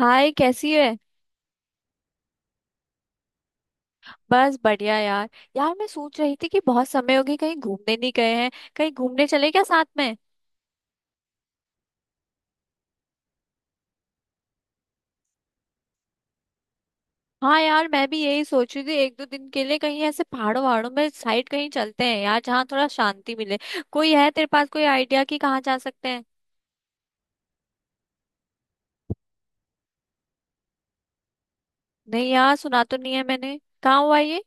हाय, कैसी है। बस बढ़िया यार। यार, मैं सोच रही थी कि बहुत समय हो गई कहीं घूमने नहीं गए हैं। कहीं घूमने चले क्या साथ में। हाँ यार, मैं भी यही सोच रही थी एक दो दिन के लिए कहीं ऐसे पहाड़ों वहाड़ों में साइड कहीं चलते हैं यार, जहाँ थोड़ा शांति मिले। कोई है तेरे पास कोई आइडिया कि कहाँ जा सकते हैं। नहीं यार, सुना तो नहीं है मैंने। कहाँ हुआ ये।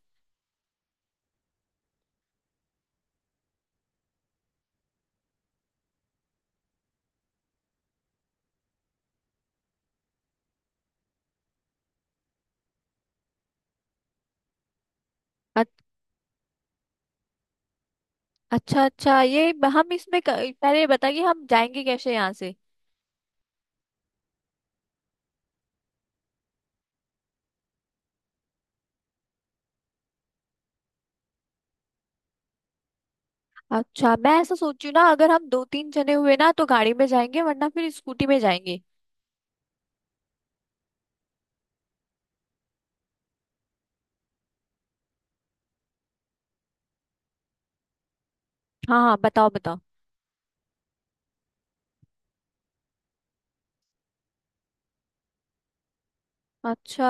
अ- अच्छा अच्छा, ये ब- हम इसमें क- पहले ये बता कि हम जाएंगे कैसे यहाँ से। अच्छा, मैं ऐसा सोच रही हूँ ना, अगर हम दो तीन जने हुए ना तो गाड़ी में जाएंगे, वरना फिर स्कूटी में जाएंगे। हाँ हाँ, बताओ बताओ। अच्छा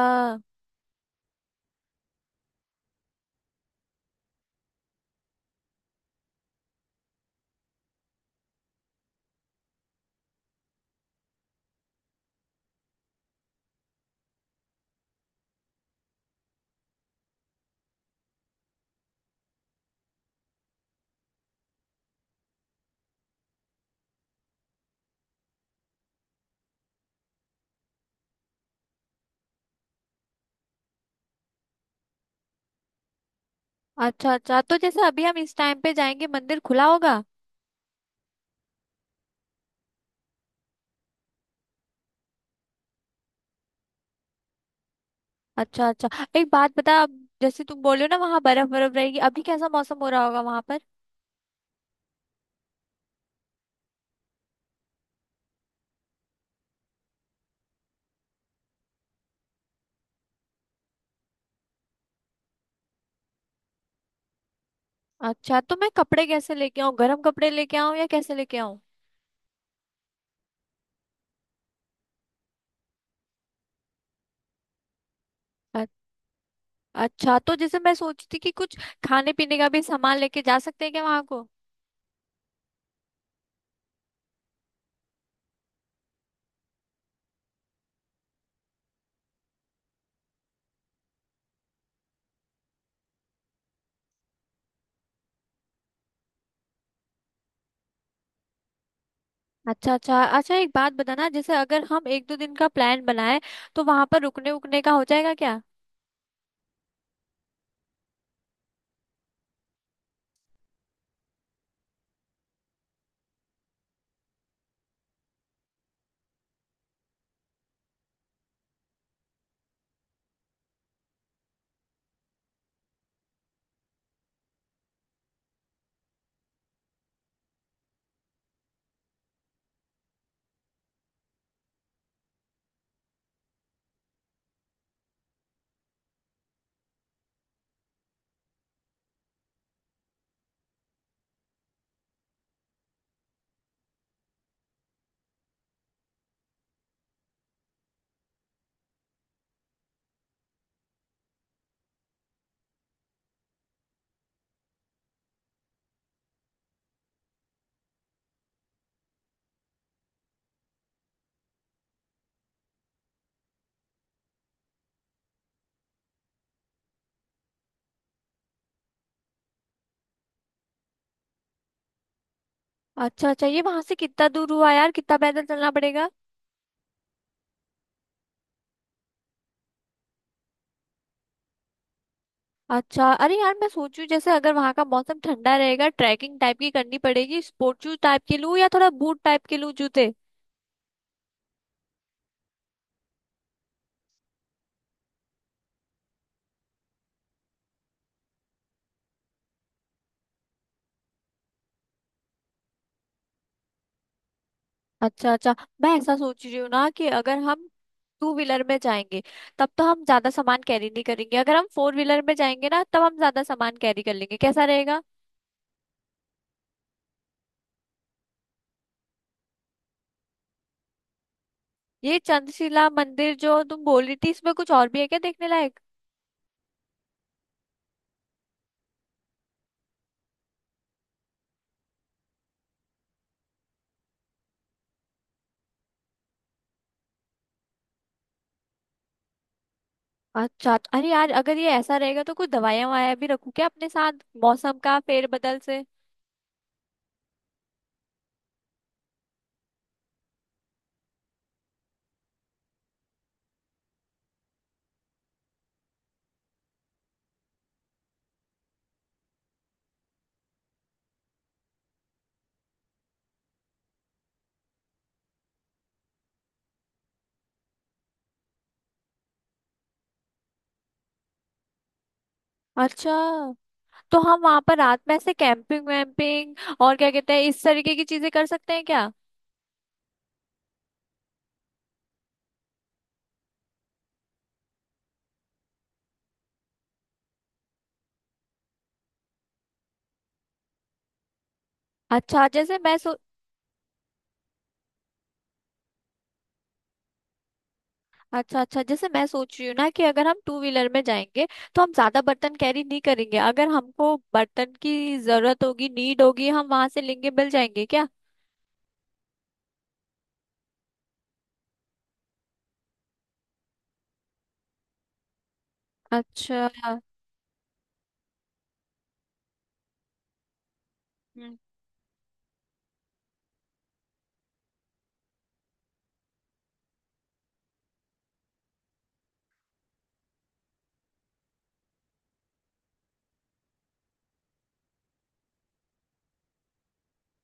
अच्छा। अच्छा, तो जैसे अभी हम इस टाइम पे जाएंगे मंदिर खुला होगा। अच्छा अच्छा। एक बात बता, अब जैसे तुम बोलो ना, वहाँ बर्फ बर्फ रहेगी, अभी कैसा मौसम हो रहा होगा वहाँ पर। अच्छा, तो मैं कपड़े कैसे लेके आऊँ, गर्म कपड़े लेके आऊँ या कैसे लेके आऊँ। अ- अच्छा, तो जैसे मैं सोचती कि कुछ खाने पीने का भी सामान लेके जा सकते हैं क्या वहाँ को। अच्छा अच्छा अच्छा। एक बात बताना, जैसे अगर हम एक दो दिन का प्लान बनाएं तो वहाँ पर रुकने उकने का हो जाएगा क्या। अच्छा अच्छा, ये वहाँ से कितना दूर हुआ यार, कितना पैदल चलना पड़ेगा। अच्छा, अरे यार, मैं सोचू जैसे अगर वहां का मौसम ठंडा रहेगा, ट्रैकिंग टाइप की करनी पड़ेगी, स्पोर्ट शूज टाइप के लूँ या थोड़ा बूट टाइप के लूँ जूते। अच्छा अच्छा। मैं ऐसा सोच रही हूँ ना कि अगर हम टू व्हीलर में जाएंगे, तब तो हम ज्यादा सामान कैरी नहीं करेंगे, अगर हम फोर व्हीलर में जाएंगे ना तब हम ज्यादा सामान कैरी कर लेंगे, कैसा रहेगा। ये चंद्रशिला मंदिर जो तुम बोल रही थी, इसमें कुछ और भी है क्या देखने लायक। अच्छा तो, अरे यार, अगर ये ऐसा रहेगा तो कुछ दवाइयां वाया भी रखूं क्या अपने साथ। मौसम का फेर बदल से। अच्छा, तो हम वहां पर रात में ऐसे कैंपिंग वैम्पिंग और क्या कहते हैं इस तरीके की चीजें कर सकते हैं क्या। अच्छा, जैसे मैं सो- अच्छा अच्छा, जैसे मैं सोच रही हूँ ना कि अगर हम टू व्हीलर में जाएंगे तो हम ज्यादा बर्तन कैरी नहीं करेंगे, अगर हमको बर्तन की जरूरत होगी, नीड होगी, हम वहां से लेंगे, मिल जाएंगे क्या। अच्छा। हम्म।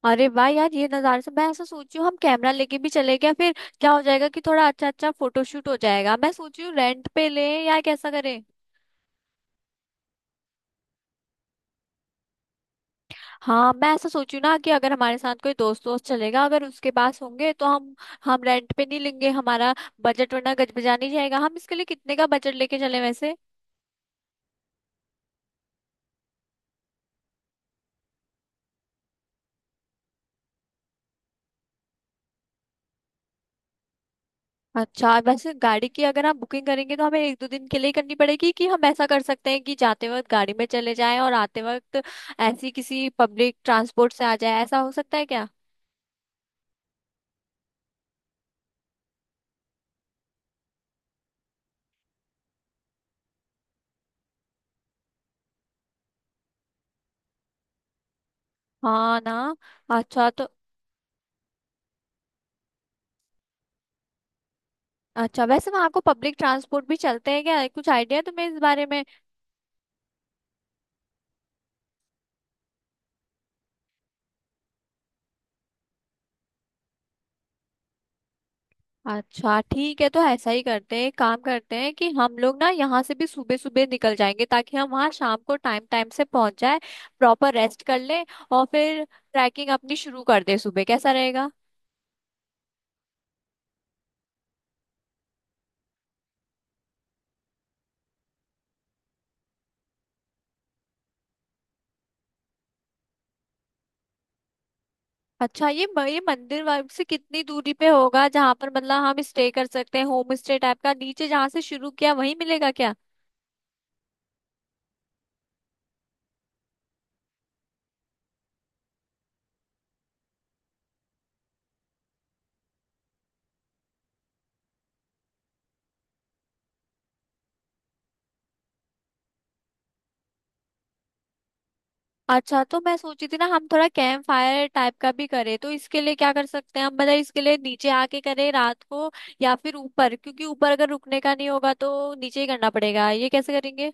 अरे वाह यार, ये नज़ारे से मैं ऐसा सोच रही हूँ हम कैमरा लेके भी चले क्या फिर। क्या हो जाएगा कि थोड़ा अच्छा अच्छा फोटोशूट हो जाएगा। मैं सोच रही हूँ रेंट पे लें या कैसा करें। हाँ, मैं ऐसा सोचू ना कि अगर हमारे साथ कोई दोस्त दोस्त चलेगा, अगर उसके पास होंगे तो हम रेंट पे नहीं लेंगे। हमारा बजट वरना गजबजा नहीं जाएगा। हम इसके लिए कितने का बजट लेके चले वैसे। अच्छा, वैसे गाड़ी की अगर आप बुकिंग करेंगे तो हमें एक दो दिन के लिए ही करनी पड़ेगी, कि हम ऐसा कर सकते हैं कि जाते वक्त गाड़ी में चले जाएं और आते वक्त ऐसी किसी पब्लिक ट्रांसपोर्ट से आ जाए, ऐसा हो सकता है क्या। हाँ ना। अच्छा तो, अच्छा, वैसे वहाँ को पब्लिक ट्रांसपोर्ट भी चलते हैं क्या, कुछ आइडिया है तुम्हें इस बारे में। अच्छा ठीक है, तो ऐसा ही करते हैं। एक काम करते हैं कि हम लोग ना यहाँ से भी सुबह सुबह निकल जाएंगे ताकि हम वहाँ शाम को टाइम टाइम से पहुंच जाए, प्रॉपर रेस्ट कर लें, और फिर ट्रैकिंग अपनी शुरू कर दें सुबह, कैसा रहेगा। अच्छा, ये म- ये मंदिर वाइब से कितनी दूरी पे होगा जहाँ पर मतलब हम स्टे कर सकते हैं, होम स्टे टाइप का, नीचे जहाँ से शुरू किया वहीं मिलेगा क्या। अच्छा तो मैं सोची थी ना हम थोड़ा कैंप फायर टाइप का भी करें, तो इसके लिए क्या कर सकते हैं हम, मतलब इसके लिए नीचे आके करें रात को, या फिर ऊपर, क्योंकि ऊपर अगर रुकने का नहीं होगा तो नीचे ही करना पड़ेगा, ये कैसे करेंगे।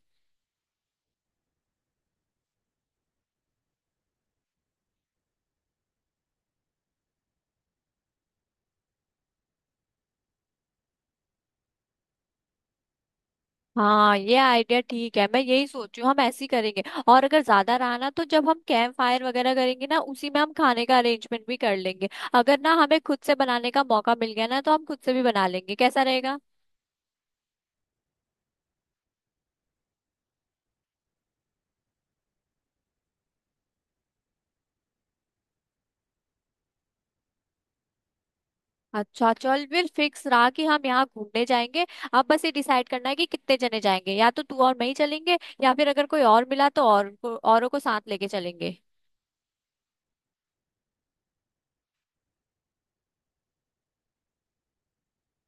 हाँ ये आइडिया ठीक है, मैं यही सोचू हम ऐसे ही करेंगे। और अगर ज्यादा रहा ना तो जब हम कैंप फायर वगैरह करेंगे ना, उसी में हम खाने का अरेंजमेंट भी कर लेंगे। अगर ना हमें खुद से बनाने का मौका मिल गया ना तो हम खुद से भी बना लेंगे, कैसा रहेगा। अच्छा चल, फिर फिक्स रहा कि हम यहाँ घूमने जाएंगे। अब बस ये डिसाइड करना है कि कितने जने जाएंगे, या तो तू और मैं ही चलेंगे, या फिर अगर कोई और मिला तो और को, औरों को साथ लेके चलेंगे।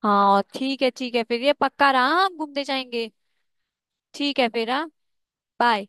हाँ ठीक है ठीक है, फिर ये पक्का रहा, हम घूमने जाएंगे। ठीक है फिर, हाँ। बाय।